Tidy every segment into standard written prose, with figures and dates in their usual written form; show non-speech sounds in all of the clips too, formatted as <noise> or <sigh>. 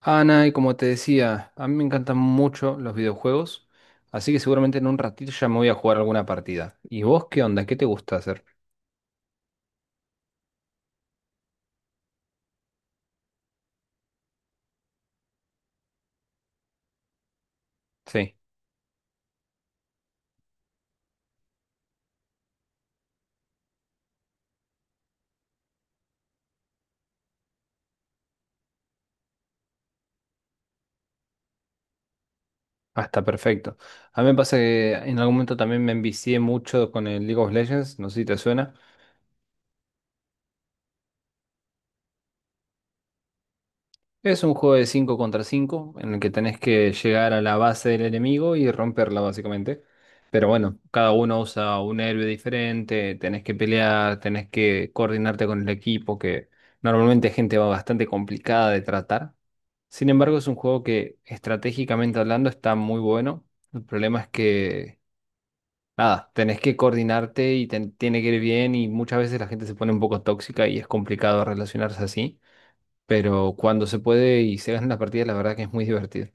Ana, y como te decía, a mí me encantan mucho los videojuegos, así que seguramente en un ratito ya me voy a jugar alguna partida. ¿Y vos qué onda? ¿Qué te gusta hacer? Sí, hasta perfecto. A mí me pasa que en algún momento también me envicié mucho con el League of Legends, no sé si te suena. Es un juego de 5 contra 5 en el que tenés que llegar a la base del enemigo y romperla básicamente. Pero bueno, cada uno usa un héroe diferente, tenés que pelear, tenés que coordinarte con el equipo, que normalmente es gente bastante complicada de tratar. Sin embargo, es un juego que estratégicamente hablando está muy bueno. El problema es que, nada, tenés que coordinarte y tiene que ir bien y muchas veces la gente se pone un poco tóxica y es complicado relacionarse así, pero cuando se puede y se ganan las partidas, la verdad que es muy divertido.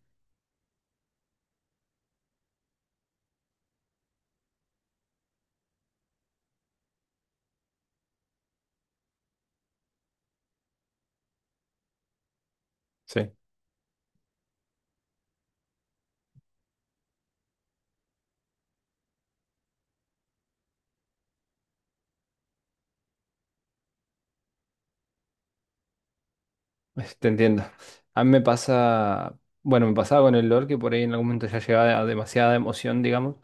Sí. Te entiendo. A mí me pasa, bueno, me pasaba con el LOL que por ahí en algún momento ya llegaba a demasiada emoción, digamos,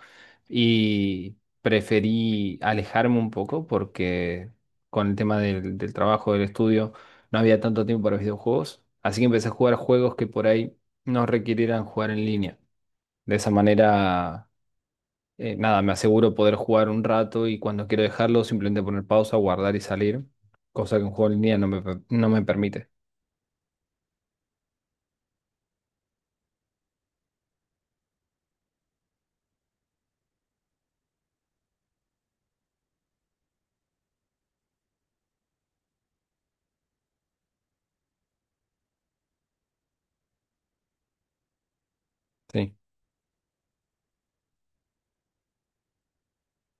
y preferí alejarme un poco porque con el tema del trabajo, del estudio, no había tanto tiempo para videojuegos, así que empecé a jugar juegos que por ahí no requirieran jugar en línea. De esa manera, nada, me aseguro poder jugar un rato y cuando quiero dejarlo simplemente poner pausa, guardar y salir, cosa que un juego en línea no me, no me permite. Sí,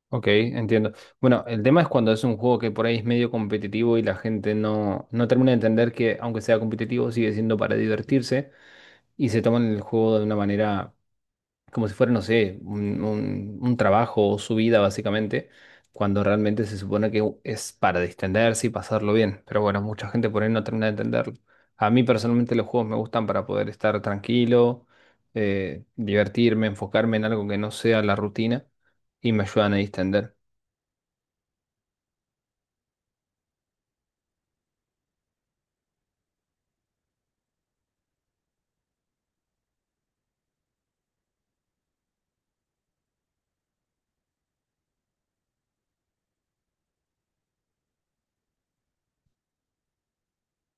ok, entiendo. Bueno, el tema es cuando es un juego que por ahí es medio competitivo y la gente no, no termina de entender que aunque sea competitivo sigue siendo para divertirse y se toman el juego de una manera como si fuera, no sé, un, un trabajo o su vida básicamente, cuando realmente se supone que es para distenderse y pasarlo bien. Pero bueno, mucha gente por ahí no termina de entenderlo. A mí personalmente los juegos me gustan para poder estar tranquilo, divertirme, enfocarme en algo que no sea la rutina y me ayudan a distender.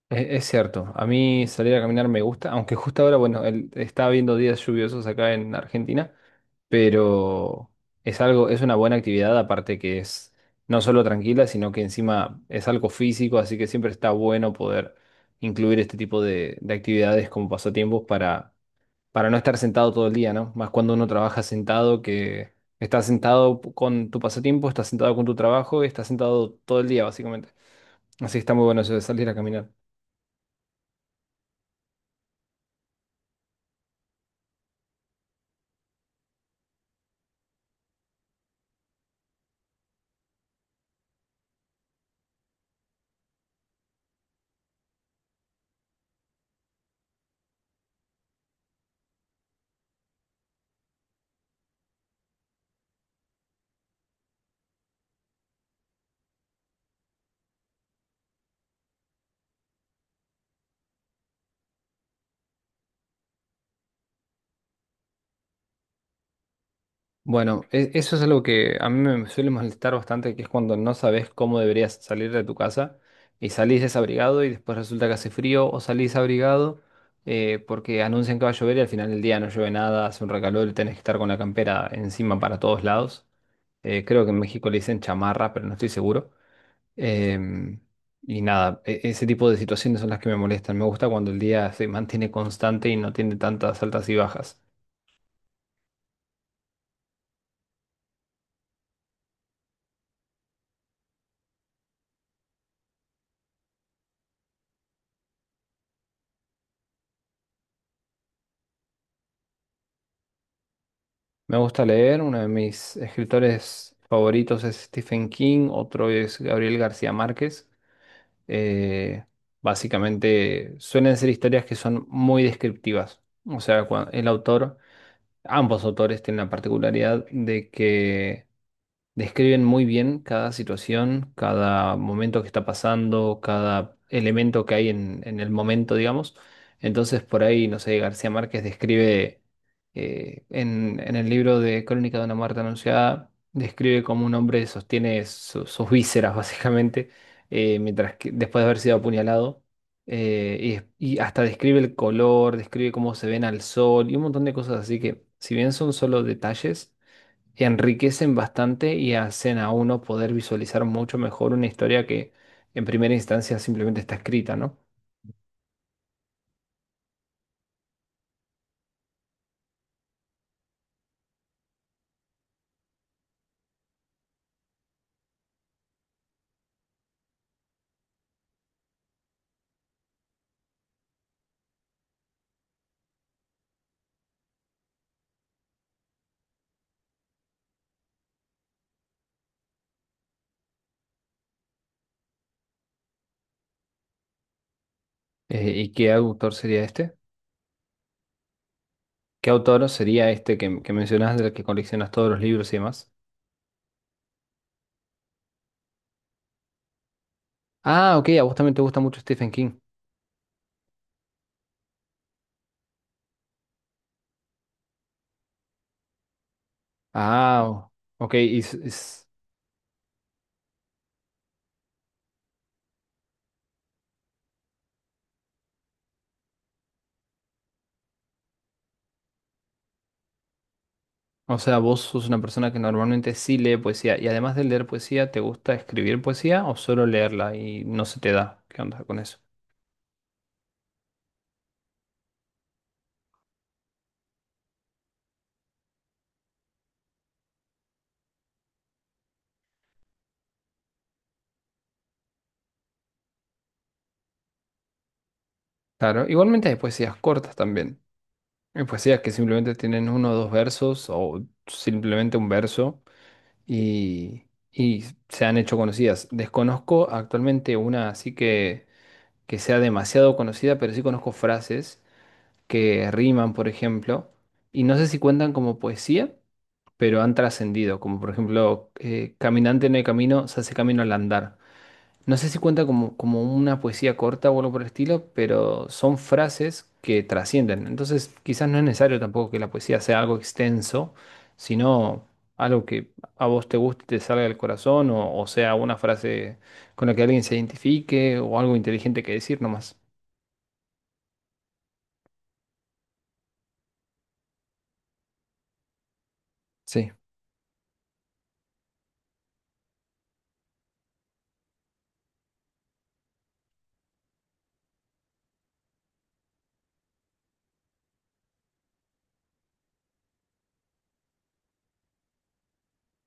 Es cierto, a mí salir a caminar me gusta, aunque justo ahora, bueno, está viendo días lluviosos acá en Argentina. Pero es algo, es una buena actividad, aparte que es no solo tranquila, sino que encima es algo físico, así que siempre está bueno poder incluir este tipo de actividades como pasatiempos para no estar sentado todo el día, ¿no? Más cuando uno trabaja sentado, que estás sentado con tu pasatiempo, estás sentado con tu trabajo y estás sentado todo el día, básicamente. Así que está muy bueno eso de salir a caminar. Bueno, eso es algo que a mí me suele molestar bastante, que es cuando no sabes cómo deberías salir de tu casa y salís desabrigado y después resulta que hace frío, o salís abrigado porque anuncian que va a llover y al final del día no llueve nada, hace un recalor y tenés que estar con la campera encima para todos lados. Creo que en México le dicen chamarra, pero no estoy seguro. Em, y nada, ese tipo de situaciones son las que me molestan. Me gusta cuando el día se mantiene constante y no tiene tantas altas y bajas. Me gusta leer, uno de mis escritores favoritos es Stephen King, otro es Gabriel García Márquez. Eh, Básicamente suelen ser historias que son muy descriptivas. O sea, el autor, ambos autores tienen la particularidad de que describen muy bien cada situación, cada momento que está pasando, cada elemento que hay en el momento, digamos. Entonces, por ahí, no sé, García Márquez describe en el libro de Crónica de una muerte anunciada, describe cómo un hombre sostiene sus vísceras, <laughs> básicamente, mientras que, después de haber sido apuñalado. Y, y hasta describe el color, describe cómo se ven al sol y un montón de cosas así que, si bien son solo detalles, enriquecen bastante y hacen a uno poder visualizar mucho mejor una historia que en primera instancia simplemente está escrita, ¿no? ¿Y qué autor sería este? ¿Qué autor sería este que mencionas, del que coleccionas todos los libros y demás? Ah, ok, a vos también te gusta mucho Stephen King. Ah, ok, y o sea, vos sos una persona que normalmente sí lee poesía, y además de leer poesía, ¿te gusta escribir poesía o solo leerla y no se te da? ¿Qué onda con eso? Claro, igualmente hay poesías cortas también. Pues sí, es que simplemente tienen uno o dos versos o simplemente un verso y, y se han hecho conocidas. Desconozco actualmente una así que sea demasiado conocida, pero sí conozco frases que riman, por ejemplo, y no sé si cuentan como poesía, pero han trascendido, como por ejemplo, caminante no hay camino, se hace camino al andar. No sé si cuenta como, como una poesía corta o algo por el estilo, pero son frases que trascienden. Entonces, quizás no es necesario tampoco que la poesía sea algo extenso, sino algo que a vos te guste, te salga del corazón, o sea, una frase con la que alguien se identifique, o algo inteligente que decir nomás. Sí,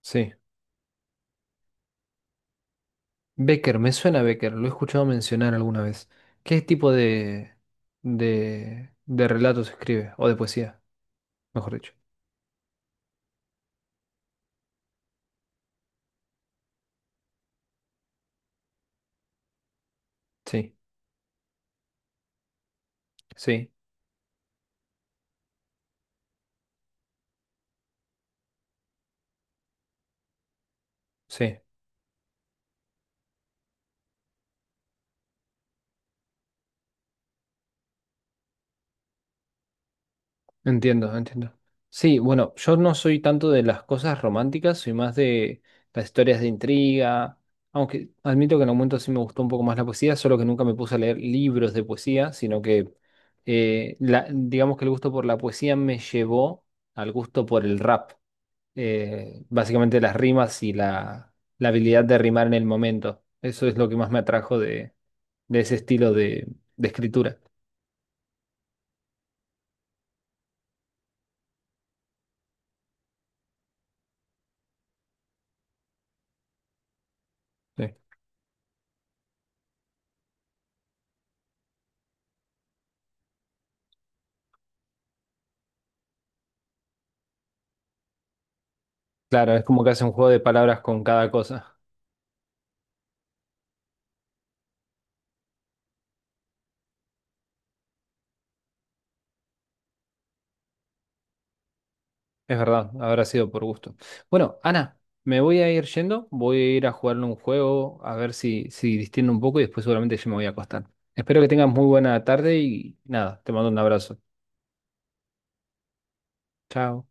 sí. Becker, me suena Becker, lo he escuchado mencionar alguna vez. ¿Qué tipo de relatos escribe? O de poesía, mejor dicho. Sí, sí, sí. Entiendo, entiendo. Sí, bueno, yo no soy tanto de las cosas románticas, soy más de las historias de intriga, aunque admito que en algún momento sí me gustó un poco más la poesía, solo que nunca me puse a leer libros de poesía, sino que digamos que el gusto por la poesía me llevó al gusto por el rap, básicamente las rimas y la habilidad de rimar en el momento. Eso es lo que más me atrajo de ese estilo de escritura. Sí. Claro, es como que hace un juego de palabras con cada cosa. Es verdad, habrá sido por gusto. Bueno, Ana, me voy a ir yendo, voy a ir a jugarle un juego, a ver si, si distiendo un poco y después seguramente yo me voy a acostar. Espero que tengas muy buena tarde y nada, te mando un abrazo. Chao.